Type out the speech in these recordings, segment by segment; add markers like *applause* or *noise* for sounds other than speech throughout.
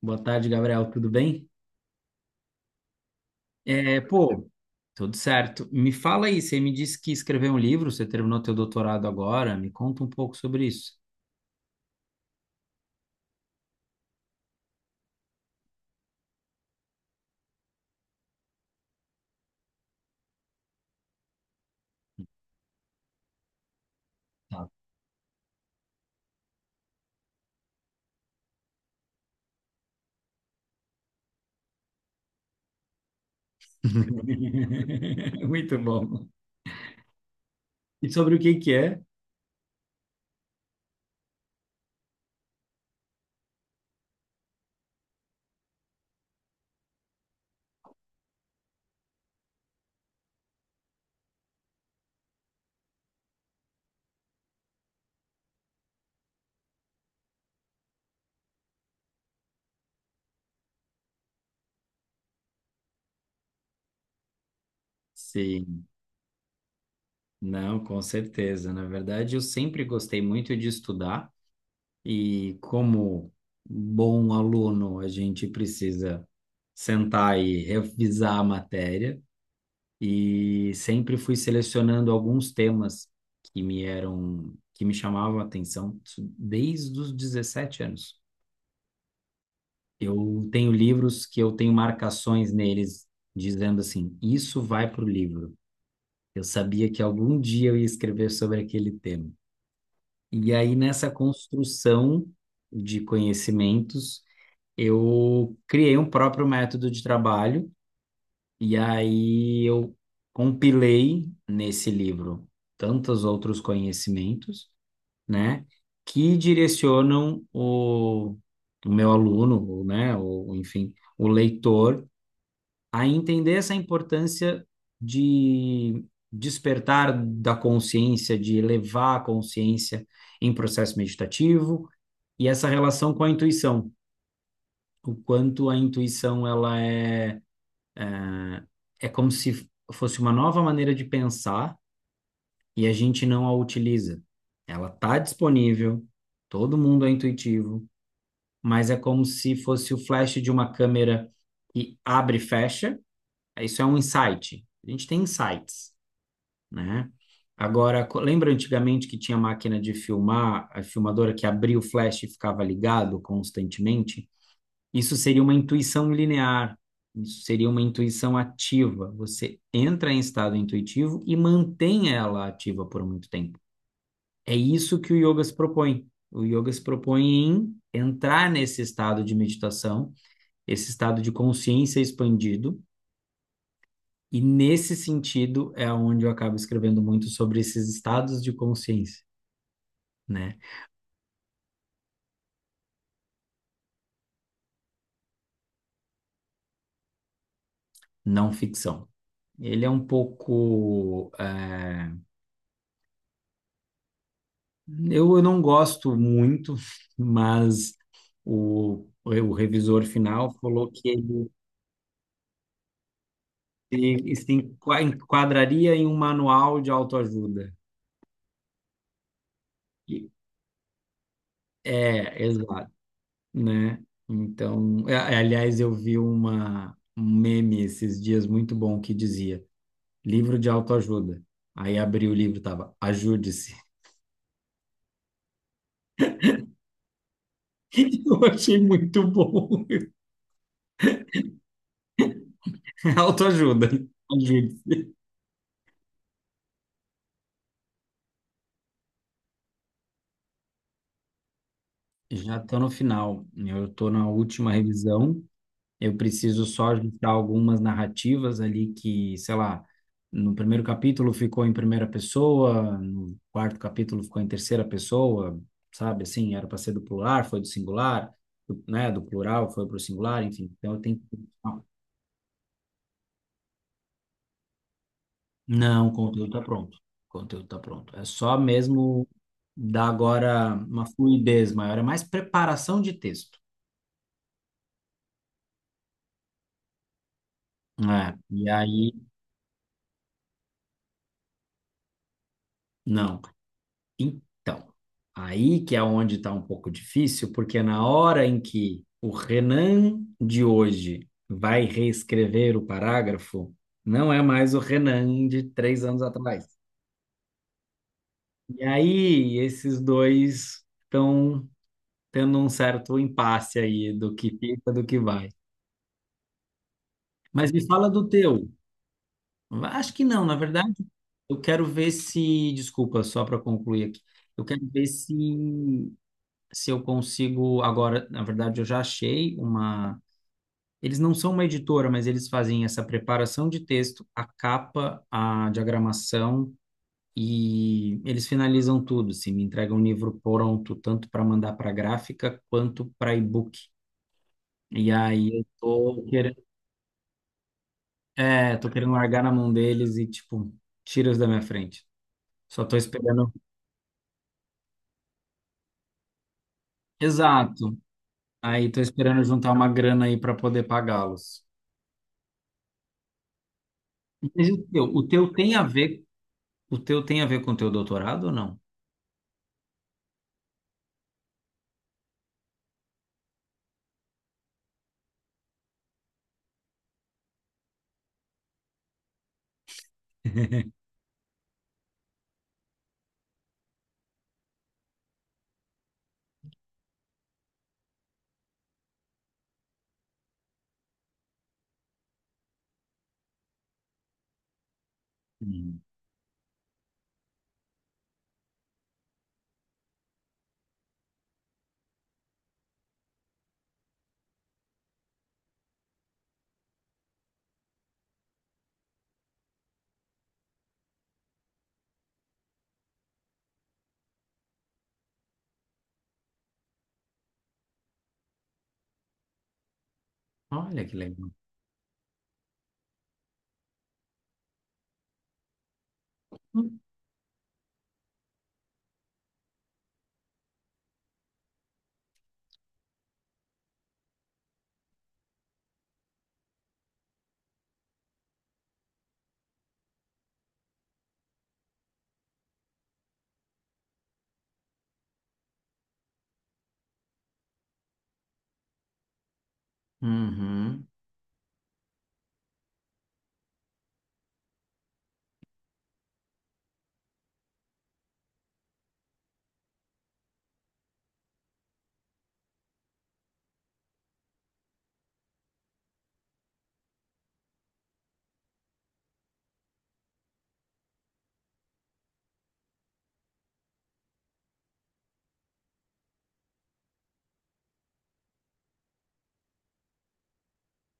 Boa tarde, Gabriel. Tudo bem? É, pô, tudo certo. Me fala aí, você me disse que escreveu um livro, você terminou teu doutorado agora. Me conta um pouco sobre isso. Tá. *laughs* Muito bom. E sobre o que que é? Sim, não, com certeza. Na verdade, eu sempre gostei muito de estudar e como bom aluno, a gente precisa sentar e revisar a matéria. E sempre fui selecionando alguns temas que me eram que me chamavam a atenção, isso desde os 17 anos. Eu tenho livros que eu tenho marcações neles dizendo assim, isso vai para o livro. Eu sabia que algum dia eu ia escrever sobre aquele tema. E aí nessa construção de conhecimentos, eu criei um próprio método de trabalho. E aí eu compilei nesse livro tantos outros conhecimentos, né, que direcionam o meu aluno, ou, né, ou enfim, o leitor a entender essa importância de despertar da consciência, de elevar a consciência em processo meditativo e essa relação com a intuição, o quanto a intuição ela é... É como se fosse uma nova maneira de pensar e a gente não a utiliza. Ela está disponível, todo mundo é intuitivo, mas é como se fosse o flash de uma câmera que abre e fecha. Isso é um insight. A gente tem insights, né? Agora, lembra antigamente que tinha máquina de filmar, a filmadora que abria o flash e ficava ligado constantemente? Isso seria uma intuição linear, isso seria uma intuição ativa. Você entra em estado intuitivo e mantém ela ativa por muito tempo. É isso que o yoga se propõe. O yoga se propõe em entrar nesse estado de meditação, esse estado de consciência expandido, e nesse sentido é onde eu acabo escrevendo muito sobre esses estados de consciência, né? Não ficção. Ele é um pouco. É... Eu não gosto muito, mas o revisor final falou que ele se, se enqua- enquadraria em um manual de autoajuda. E- É, exato, né? Então, é, aliás, eu vi um meme esses dias muito bom que dizia livro de autoajuda. Aí abri o livro, tava ajude-se. *laughs* Eu achei muito bom. *laughs* Autoajuda, ajude-se. Já estou no final, eu estou na última revisão. Eu preciso só ajustar algumas narrativas ali que, sei lá, no primeiro capítulo ficou em primeira pessoa, no quarto capítulo ficou em terceira pessoa, sabe? Assim, era para ser do plural, foi do singular, né? Do plural foi para o singular, enfim. Então eu tenho que... Não, o conteúdo tá pronto. O conteúdo tá pronto. É só mesmo dar agora uma fluidez maior, é mais preparação de texto. É, e aí, não. Então, aí que é onde está um pouco difícil, porque na hora em que o Renan de hoje vai reescrever o parágrafo, não é mais o Renan de 3 anos atrás. E aí, esses dois estão tendo um certo impasse aí do que fica, do que vai. Mas me fala do teu. Acho que não, na verdade, eu quero ver se. Desculpa, só para concluir aqui. Eu quero ver se eu consigo agora, na verdade, eu já achei uma. Eles não são uma editora, mas eles fazem essa preparação de texto, a capa, a diagramação e eles finalizam tudo. Se me entregam um livro pronto, tanto para mandar para gráfica quanto para e-book. E aí eu tô querendo, é, tô querendo largar na mão deles e tipo, tira-os da minha frente. Só tô esperando. Exato. Aí tô esperando juntar uma grana aí para poder pagá-los. Mas o teu, o teu tem a ver O teu tem a ver com o teu doutorado ou não? Hum. Olha que legal. Uhum.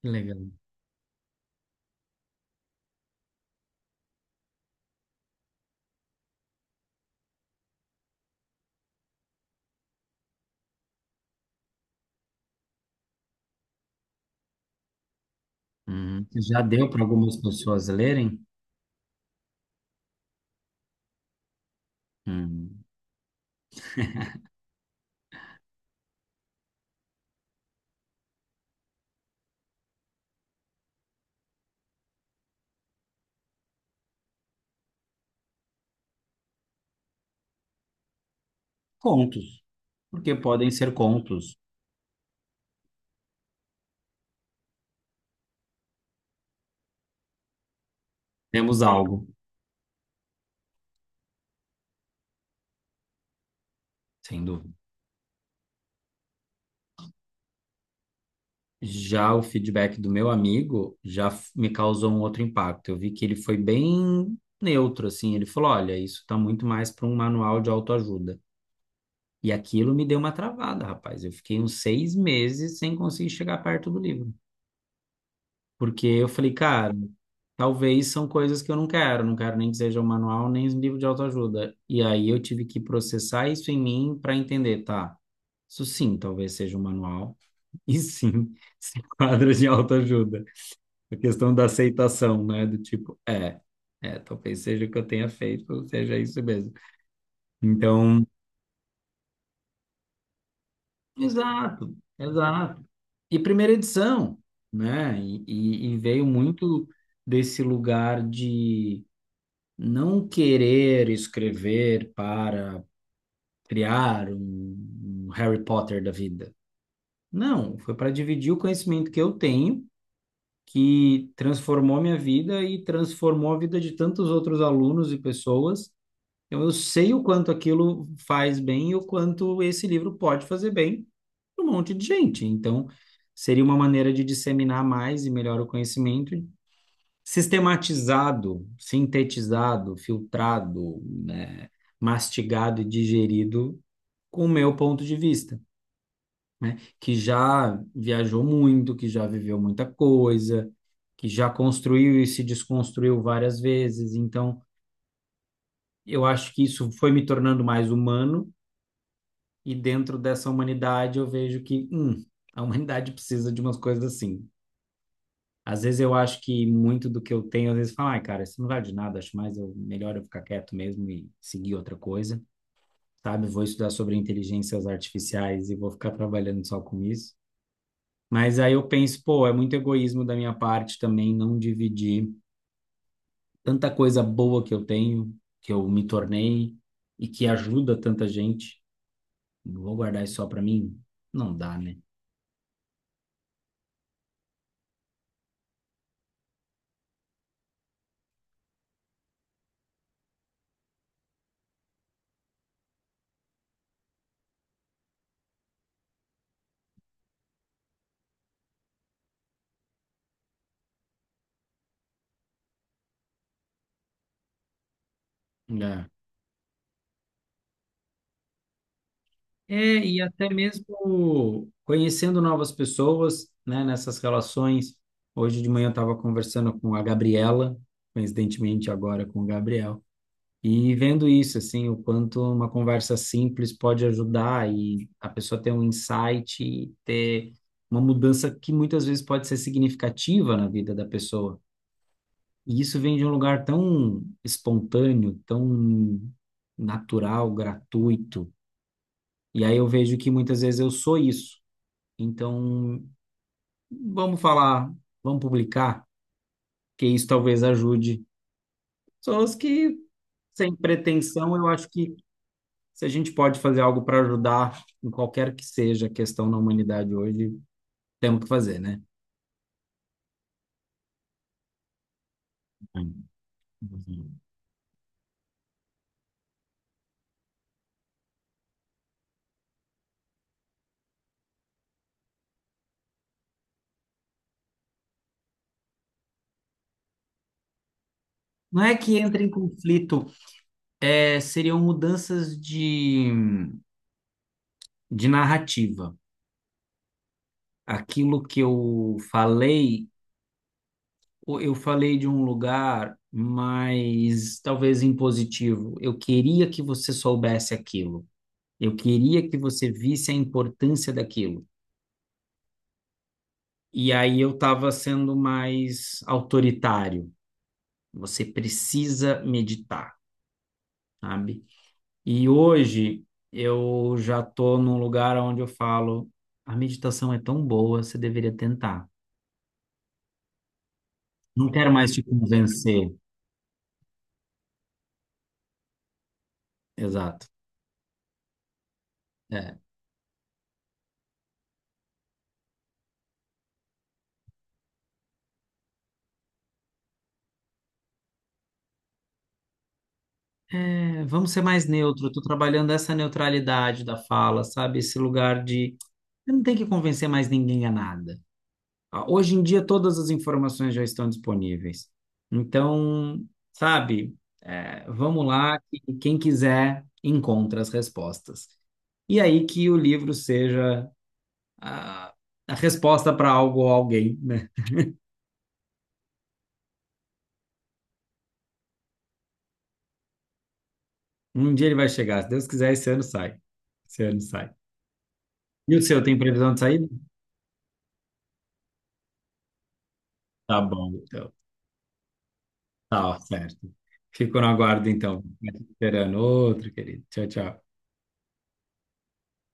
Que legal. Uhum. Já deu para algumas pessoas lerem? Hum. Contos, porque podem ser contos. Temos algo, sem dúvida. Já o feedback do meu amigo já me causou um outro impacto. Eu vi que ele foi bem neutro, assim. Ele falou: olha, isso está muito mais para um manual de autoajuda. E aquilo me deu uma travada, rapaz. Eu fiquei uns 6 meses sem conseguir chegar perto do livro. Porque eu falei, cara, talvez são coisas que eu não quero, não quero nem que seja um manual, nem um livro de autoajuda. E aí eu tive que processar isso em mim para entender, tá? Isso sim, talvez seja um manual, *laughs* e sim, se enquadra *laughs* de autoajuda. A questão da aceitação, né? Do tipo, é, talvez seja o que eu tenha feito, seja isso mesmo. Então, exato, exato. E primeira edição, né? E veio muito desse lugar de não querer escrever para criar um Harry Potter da vida. Não, foi para dividir o conhecimento que eu tenho, que transformou minha vida e transformou a vida de tantos outros alunos e pessoas. Então, eu sei o quanto aquilo faz bem e o quanto esse livro pode fazer bem para um monte de gente. Então, seria uma maneira de disseminar mais e melhor o conhecimento, sistematizado, sintetizado, filtrado, né, mastigado e digerido com o meu ponto de vista, né, que já viajou muito, que já viveu muita coisa, que já construiu e se desconstruiu várias vezes. Então, eu acho que isso foi me tornando mais humano e dentro dessa humanidade eu vejo que, a humanidade precisa de umas coisas assim. Às vezes eu acho que muito do que eu tenho, às vezes falo, ai, cara, isso não vale de nada, acho mais eu, melhor eu ficar quieto mesmo e seguir outra coisa, sabe? Vou estudar sobre inteligências artificiais e vou ficar trabalhando só com isso. Mas aí eu penso, pô, é muito egoísmo da minha parte também não dividir tanta coisa boa que eu tenho, que eu me tornei e que ajuda tanta gente. Não vou guardar isso só pra mim? Não dá, né? É. É, e até mesmo conhecendo novas pessoas, né, nessas relações. Hoje de manhã eu estava conversando com a Gabriela, coincidentemente agora com o Gabriel, e vendo isso, assim, o quanto uma conversa simples pode ajudar e a pessoa ter um insight, e ter uma mudança que muitas vezes pode ser significativa na vida da pessoa. E isso vem de um lugar tão espontâneo, tão natural, gratuito. E aí eu vejo que muitas vezes eu sou isso. Então, vamos falar, vamos publicar, que isso talvez ajude. Pessoas que, sem pretensão, eu acho que se a gente pode fazer algo para ajudar em qualquer que seja a questão na humanidade hoje, temos que fazer, né? Não é que entra em conflito, é, seriam mudanças de narrativa. Aquilo que eu falei eu falei de um lugar mais talvez impositivo. Eu queria que você soubesse aquilo. Eu queria que você visse a importância daquilo. E aí eu estava sendo mais autoritário. Você precisa meditar, sabe? E hoje eu já estou num lugar onde eu falo, a meditação é tão boa, você deveria tentar. Não quero mais te convencer. Exato. É. É, vamos ser mais neutro. Eu tô trabalhando essa neutralidade da fala, sabe? Esse lugar de eu não tenho que convencer mais ninguém a nada. Ah, hoje em dia, todas as informações já estão disponíveis. Então, sabe? É, vamos lá, que quem quiser encontra as respostas. E aí que o livro seja a, a resposta para algo ou alguém, né? Um dia ele vai chegar. Se Deus quiser, esse ano sai. Esse ano sai. E o seu, tem previsão de sair? Tá bom, então. Tá, certo. Fico no aguardo, então. Esperando outro, querido. Tchau, tchau.